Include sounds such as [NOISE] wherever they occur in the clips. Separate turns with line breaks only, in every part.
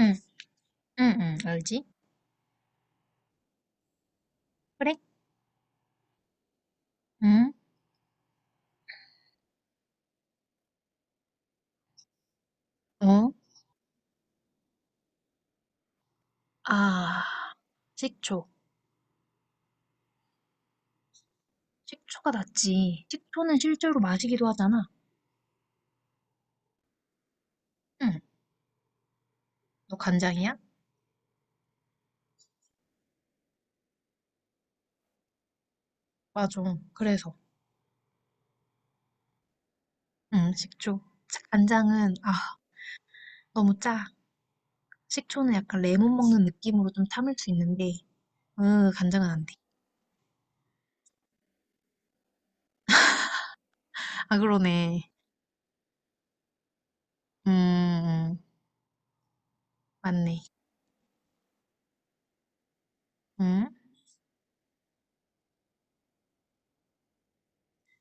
응, 응, 응, 알지? 그래? 응, 어? 아, 식초. 식초가 낫지. 식초는 실제로 마시기도 하잖아. 응, 너 간장이야? 맞아. 그래서. 응, 식초. 간장은, 아, 너무 짜. 식초는 약간 레몬 먹는 느낌으로 좀 참을 수 있는데, 으, 간장은 안 돼. 아, 그러네. 음, 음, 맞네. 응?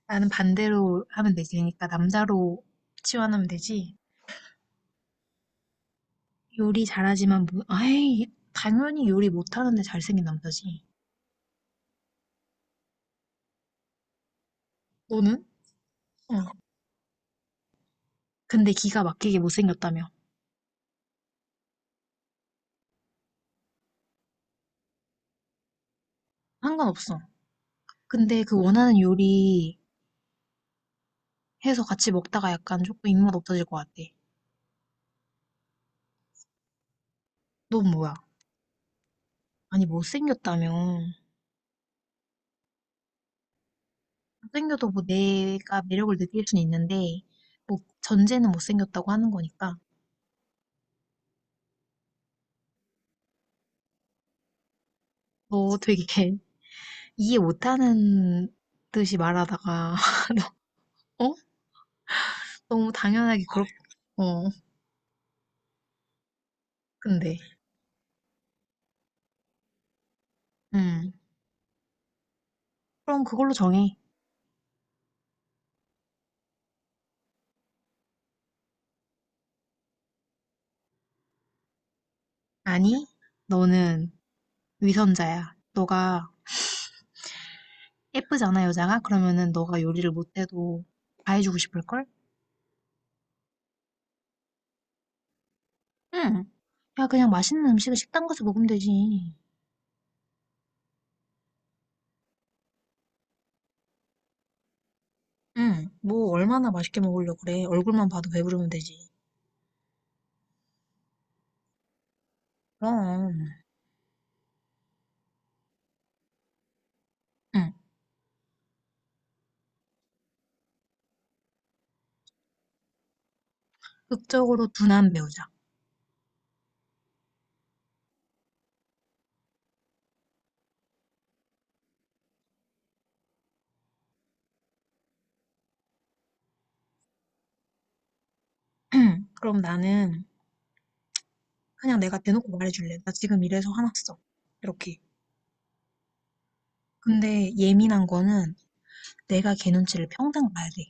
나는 반대로 하면 되지. 그러니까 남자로 치환하면 되지. 요리 잘하지만 뭐, 당연히 요리 못하는데 잘생긴 남자지. 너는? 어. 근데 기가 막히게 못생겼다며. 상관없어. 근데 그 원하는 요리 해서 같이 먹다가 약간 조금 입맛 없어질 것 같아. 넌 뭐야? 아니, 못생겼다며. 못생겨도 뭐 내가 매력을 느낄 순 있는데, 뭐 전제는 못생겼다고 하는 거니까. 너 되게 [LAUGHS] 이해 못하는 듯이 말하다가, [LAUGHS] 너, 어? 너무 당연하게 그렇, 어, 근데, 음. 그럼 그걸로 정해. 아니, 너는 위선자야. 너가 예쁘잖아, 여자가? 그러면은 너가 요리를 못해도 다 해주고 싶을걸? 응, 야, 그냥 맛있는 음식을 식당 가서 먹으면 되지. 응. 뭐 얼마나 맛있게 먹으려고 그래. 얼굴만 봐도 배부르면 되지. 그럼. 응. 극적으로 둔한 배우자. 응. 그럼 나는 그냥 내가 대놓고 말해줄래. 나 지금 이래서 화났어. 이렇게. 근데 예민한 거는 내가 걔 눈치를 평생 봐야 돼.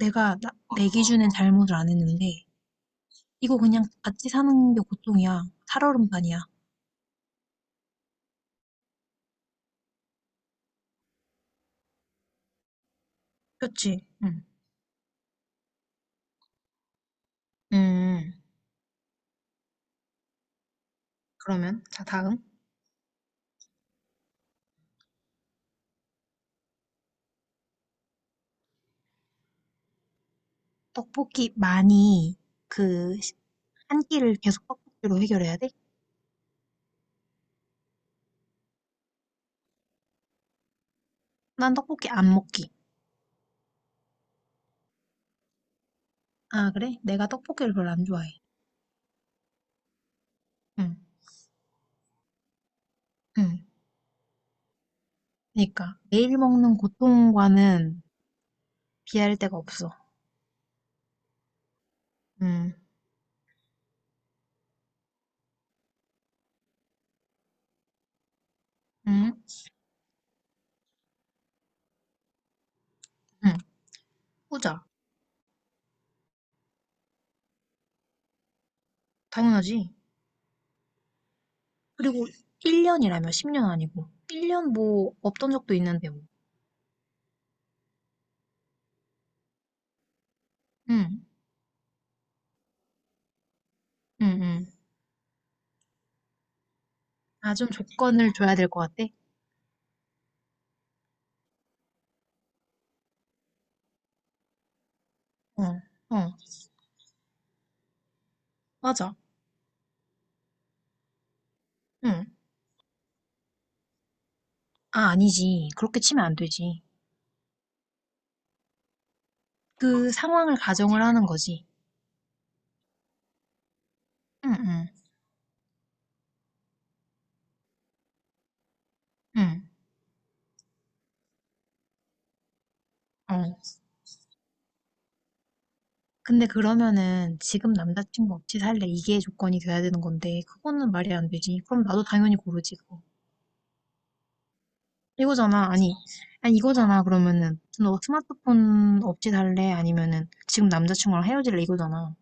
내가 나- 내 기준엔 잘못을 안 했는데 이거 그냥 같이 사는 게 고통이야. 살얼음판이야. 그렇지? 응. 음, 그러면 자 다음. 떡볶이 많이 그 한 끼를 계속 떡볶이로 해결해야 돼? 난 떡볶이 안 먹기. 아, 그래? 내가 떡볶이를 별로 안 좋아해. 응. 응. 그러니까 매일 먹는 고통과는 비할 데가 없어. 응 응. 응. 후자 당연하지. 그리고 1년이라며 10년 아니고 1년 뭐 없던 적도 있는데 뭐. 응, 응, 응. 아, 좀 조건을 줘야 될 것 같아? 어, 어, 맞아. 응. 아, 아니지. 그렇게 치면 안 되지. 그 상황을 가정을 하는 거지. 응, 응, 응. 어. 근데 그러면은 지금 남자친구 없이 살래 이게 조건이 돼야 되는 건데 그거는 말이 안 되지. 그럼 나도 당연히 고르지 그거. 이거잖아. 아니, 아니 이거잖아. 그러면은 너 스마트폰 없이 살래? 아니면은 지금 남자친구랑 헤어질래? 이거잖아.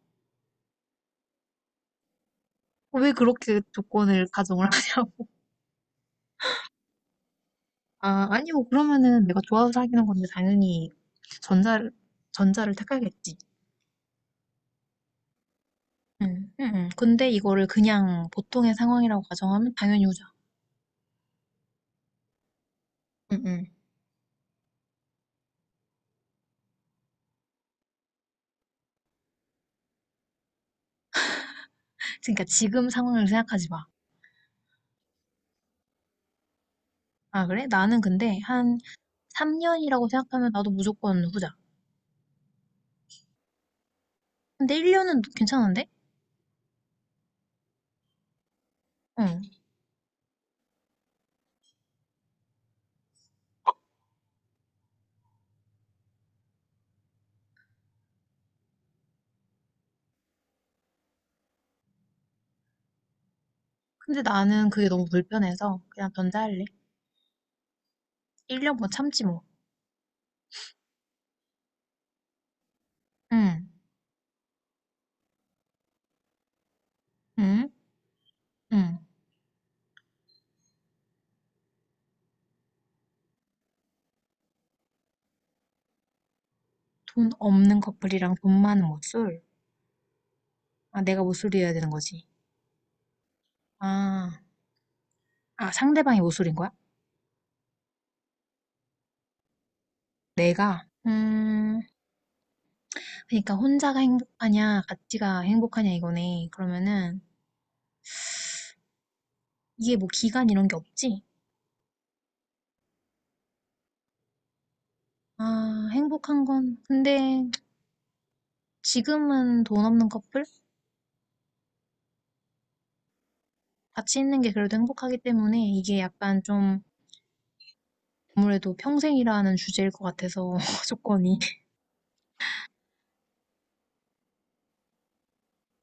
어, 왜 그렇게 조건을 가정을 [LAUGHS] 하냐고. 아, 아니고 그러면은 내가 좋아서 사귀는 건데 당연히 전자를 전자를 택하겠지. 응, 응, 응. 근데 이거를 그냥 보통의 상황이라고 가정하면 당연히 후자. 응, 응. 그러니까 지금 상황을 생각하지 마. 아, 그래? 나는 근데 한 3년이라고 생각하면 나도 무조건 후자. 근데 1년은 괜찮은데? 응. 근데 나는 그게 너무 불편해서 그냥 전자할래. 1년 뭐 참지 뭐. 응, 응, 응. 돈 없는 커플이랑 돈 많은 모쏠. 아, 내가 모쏠이어야 되는 거지. 아, 아, 상대방이 모쏠인 거야? 내가? 그러니까 혼자가 행복하냐, 같이가 행복하냐 이거네. 그러면은 이게 뭐 기간 이런 게 없지? 아, 행복한 건. 근데 지금은 돈 없는 커플? 같이 있는 게 그래도 행복하기 때문에 이게 약간 좀 아무래도 평생이라 는 주제일 것 같아서 [LAUGHS] 조건이.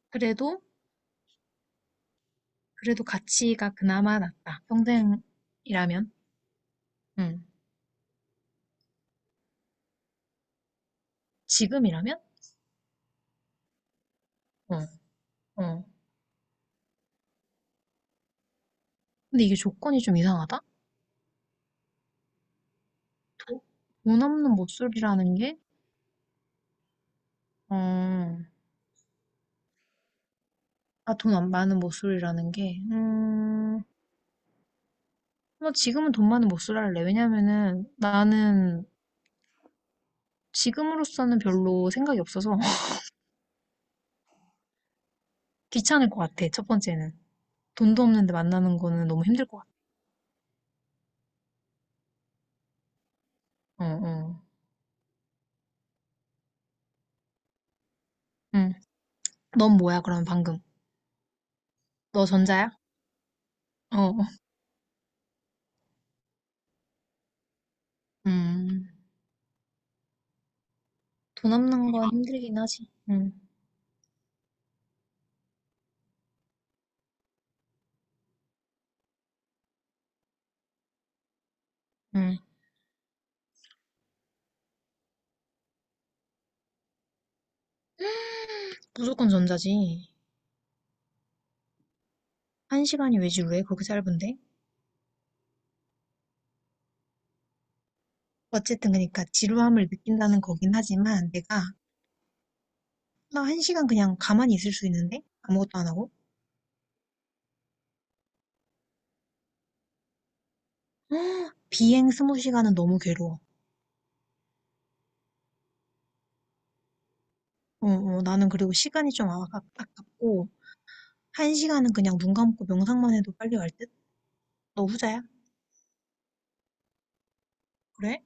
그래도 그래도 가치가 그나마 낫다. 평생이라면, 응. 지금이라면, 어, 어. 근데 이게 조건이 좀 이상하다. 도- 돈 없는 모쏠이라는 게, 어, 아, 돈 안 많은 모쏠이라는 게, 뭐 지금은 돈 많은 모쏠 할래. 왜냐면은 나는 지금으로서는 별로 생각이 없어서 [LAUGHS] 귀찮을 것 같아. 첫 번째는 돈도 없는데 만나는 거는 너무 힘들 것 같아. 어, 어. 음, 넌 뭐야, 그럼 방금? 너 전자야? 어, 음. 돈 없는 건 힘들긴 하지. 응, 응. 무조건 전자지. 한 시간이 왜지, 왜 그렇게 짧은데? 어쨌든 그러니까 지루함을 느낀다는 거긴 하지만 내가 나 한 시간 그냥 가만히 있을 수 있는데? 아무것도 안 하고? [GASPS] 헉, 비행 스무 시간은 너무 괴로워. 어, 어, 나는 그리고 시간이 좀 아깝고 한 시간은 그냥 눈 감고 명상만 해도 빨리 갈 듯? 너 후자야? 그래?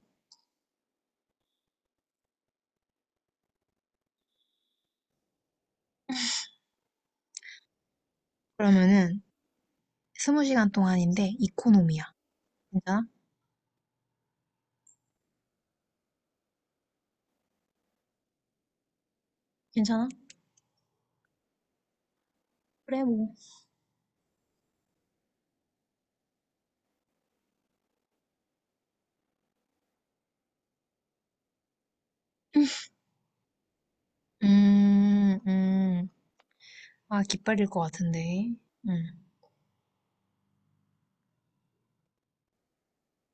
그러면은 스무 시간 동안인데 이코노미야. 괜찮아? 괜찮아? 그래, 뭐. 음, 음. 아, 깃발일 것 같은데. 음,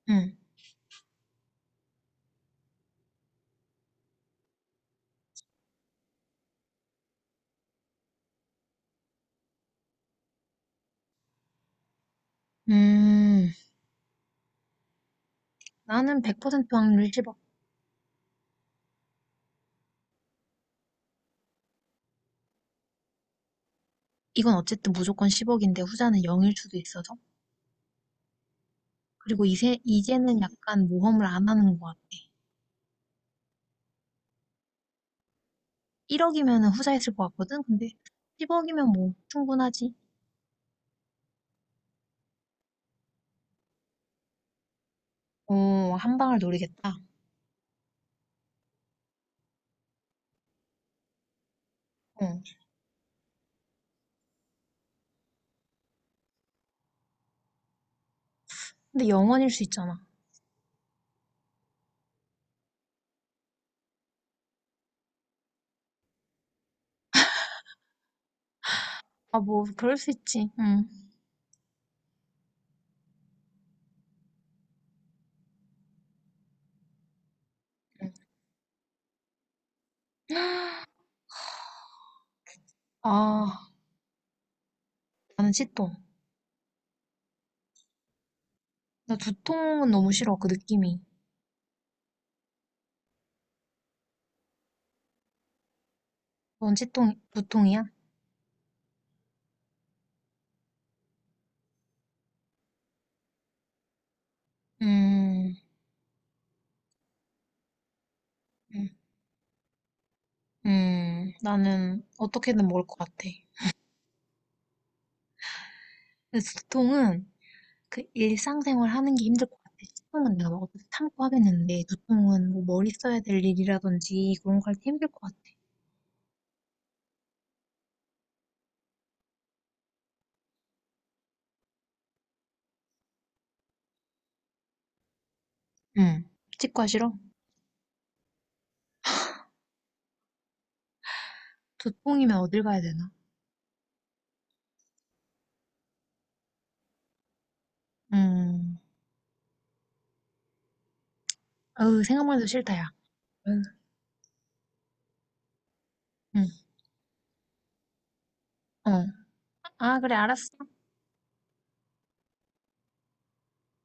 음, 음. 나는 100% 확률 10억. 이건 어쨌든 무조건 10억인데 후자는 0일 수도 있어서. 그리고 이제는 약간 모험을 안 하는 것 같아. 1억이면 후자였을 것 같거든? 근데 10억이면 뭐, 충분하지. 어, 한 방을 노리겠다. 어. 근데 영원일 수 있잖아. 아, 뭐, 그럴 수 있지. 응 [GASPS] 아, 나는 치통. 나 두통은 너무 싫어, 그 느낌이. 원치통, 무통이야? 음, 음, 나는 어떻게든 먹을 것 같아. 근데 두통은 그 일상생활 하는 게 힘들 것 같아. 식통은 내가 먹어도 참고 하겠는데, 두통은 뭐 머리 써야 될 일이라든지 그런 거 할 때 힘들 것 같아. 음, 치과 싫어? 두통이면 어딜 가야 되나? 음, 어우, 생각만 해도 싫다, 야. 응, 응, 어. 아, 그래, 알았어.